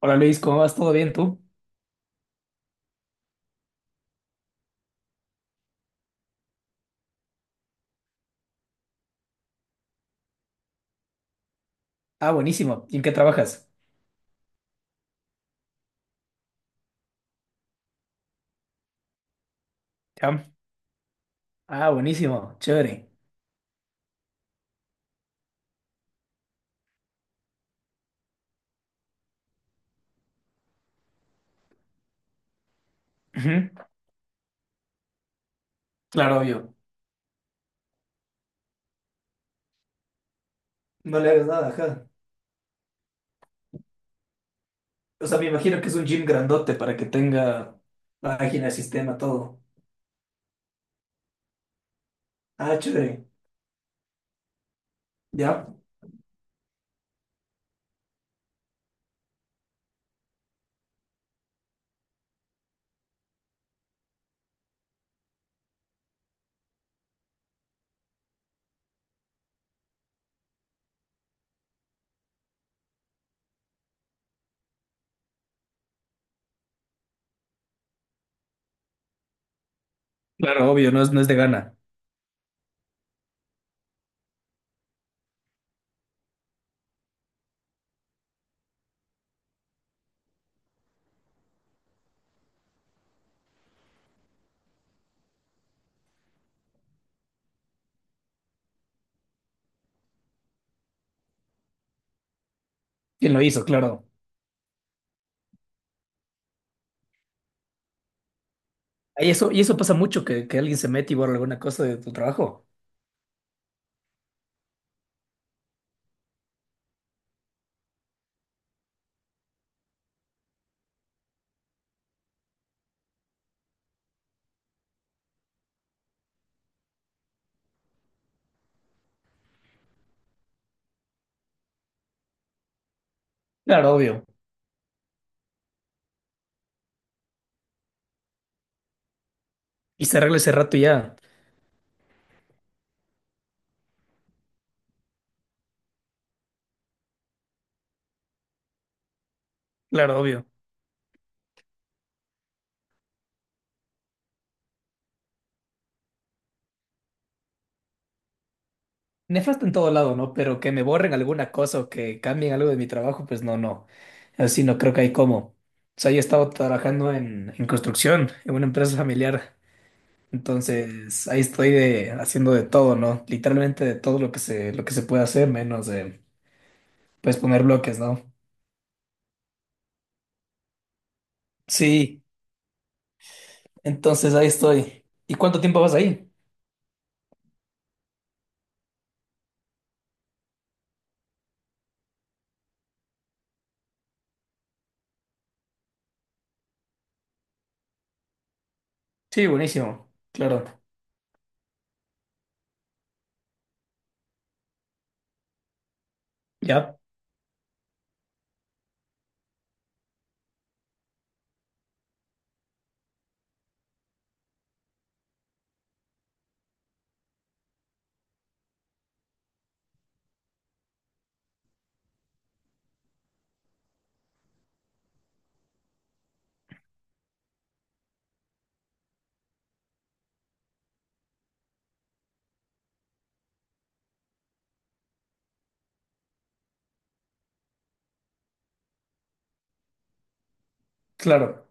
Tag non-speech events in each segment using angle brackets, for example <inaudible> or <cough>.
Hola Luis, ¿cómo vas? ¿Todo bien tú? Ah, buenísimo. ¿Y en qué trabajas? Ya. Ah, buenísimo. Chévere. Ujú. Claro, obvio. No le hagas nada, ajá. O sea, me imagino que es un gym grandote para que tenga página, sistema, todo. Ah, chévere. Ya. Claro, obvio, no es de gana. ¿Quién lo hizo? Claro. Y eso pasa mucho, que alguien se mete y borra alguna cosa de tu trabajo. Claro, obvio. Y se arregla ese rato y ya. Claro, obvio. Nefasto en todo lado, ¿no? Pero que me borren alguna cosa o que cambien algo de mi trabajo, pues no, no. Así no creo que hay cómo. O sea, yo he estado trabajando en construcción, en una empresa familiar. Entonces, ahí estoy de, haciendo de todo, ¿no? Literalmente de todo lo que se puede hacer, menos de, pues, poner bloques, ¿no? Sí, entonces ahí estoy. ¿Y cuánto tiempo vas ahí? Sí, buenísimo. Claro. Ya, claro.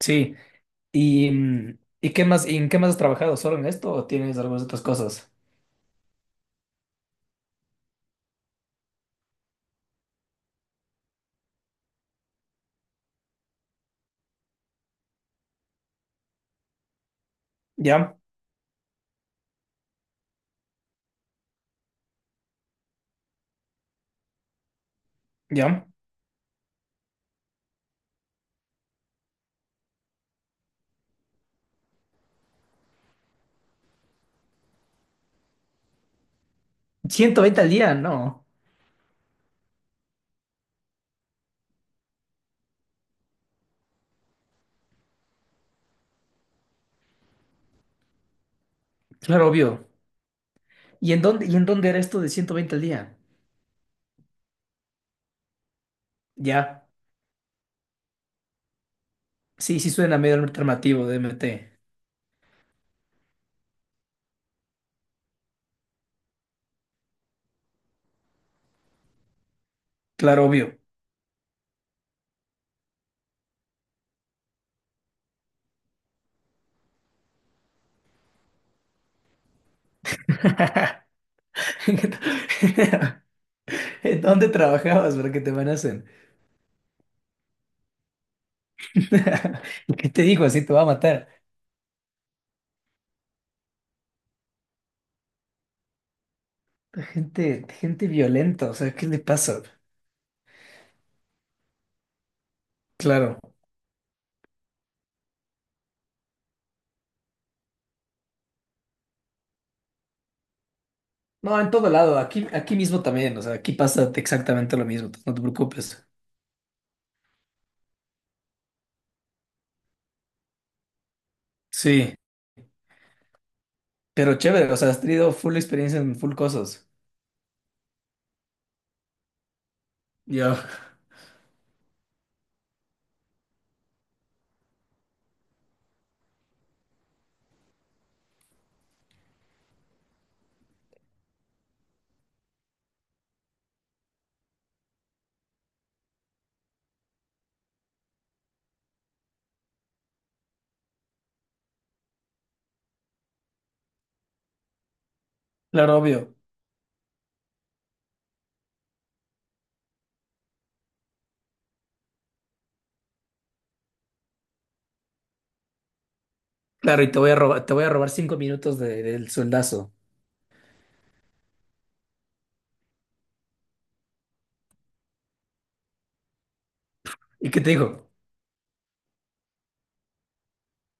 Sí. ¿Y, y qué más, y en qué más has trabajado? ¿Solo en esto o tienes algunas otras cosas? Ya, ya. Ciento veinte al día, no. Claro, obvio. Y en dónde era esto de 120 al día? Ya. Sí, sí suena medio alternativo de MT. Claro, obvio. <laughs> ¿En dónde trabajabas para que te amenacen? <laughs> ¿Qué te digo? Así te va a matar. Gente, gente violenta, o sea, ¿qué le pasa? Claro. No, en todo lado, aquí, aquí mismo también, o sea, aquí pasa exactamente lo mismo, no te preocupes. Sí, pero chévere, o sea, has tenido full experiencia en full cosas. Ya. Claro, obvio. Claro, y te voy a robar, te voy a robar cinco minutos de- del sueldazo. ¿Y qué te digo?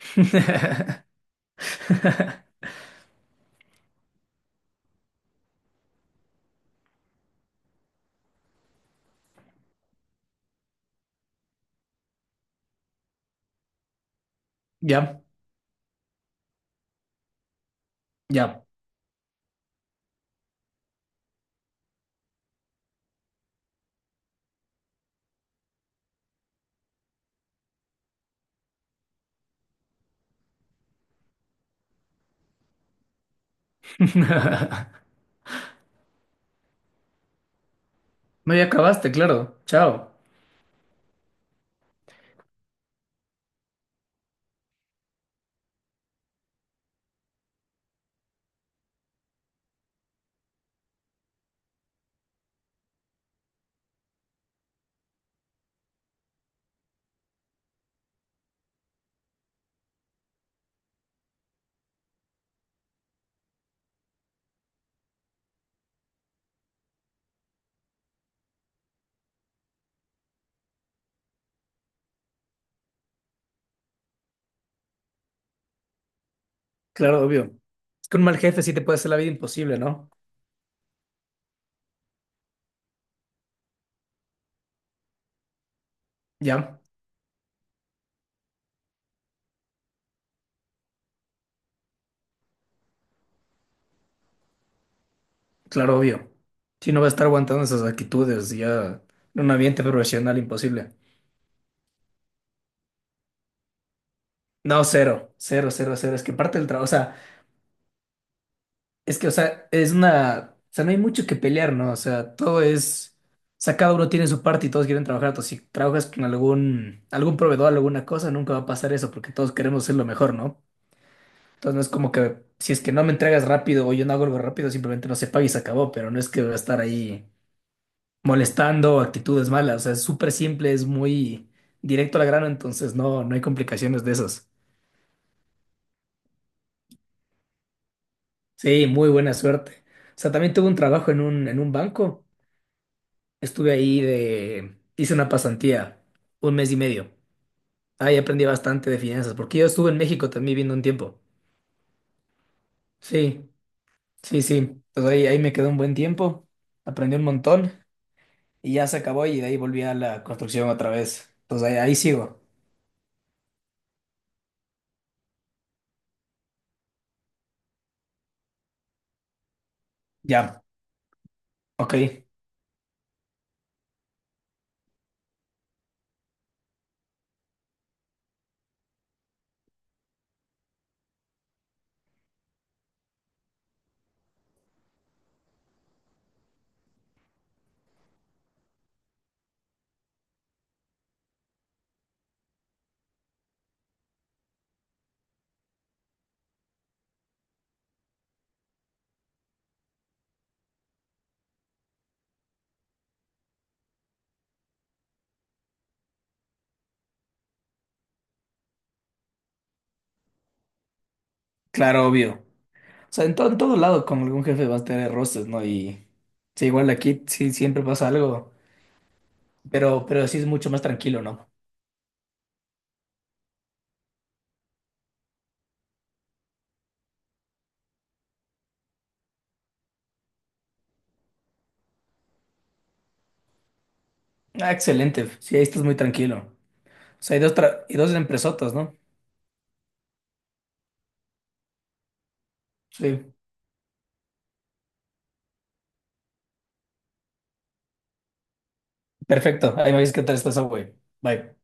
<laughs> Ya, ya. <laughs> No, ya acabaste, claro. Chao. Claro, obvio. Es que un mal jefe sí te puede hacer la vida imposible, ¿no? Ya, claro, obvio. Si no va a estar aguantando esas actitudes, ya en un ambiente profesional imposible. No, cero, cero, cero, cero. Es que parte del trabajo, o sea. Es que, o sea, es una. O sea, no hay mucho que pelear, ¿no? O sea, todo es. O sea, cada uno tiene su parte y todos quieren trabajar. Entonces, si trabajas con algún, algún proveedor, alguna cosa, nunca va a pasar eso porque todos queremos ser lo mejor, ¿no? Entonces, no es como que si es que no me entregas rápido o yo no hago algo rápido, simplemente no se paga y se acabó. Pero no es que va a estar ahí molestando, actitudes malas. O sea, es súper simple, es muy directo al grano. Entonces, no, no hay complicaciones de esas. Sí, muy buena suerte. O sea, también tuve un trabajo en un banco. Estuve ahí de... Hice una pasantía, un mes y medio. Ahí aprendí bastante de finanzas, porque yo estuve en México también viviendo un tiempo. Sí, sí, sí. Entonces ahí, ahí me quedé un buen tiempo, aprendí un montón y ya se acabó y de ahí volví a la construcción otra vez. Entonces ahí, ahí sigo. Ya, ok, claro, obvio. O sea, en todo lado con algún jefe vas a tener roces, ¿no? Y sí, igual aquí sí siempre pasa algo, pero sí es mucho más tranquilo, ¿no? Ah, excelente, sí, ahí estás muy tranquilo. Sea, hay dos, tra- y dos empresotas, ¿no? Sí. Perfecto. Ahí me dices qué tal está esa, güey. Bye.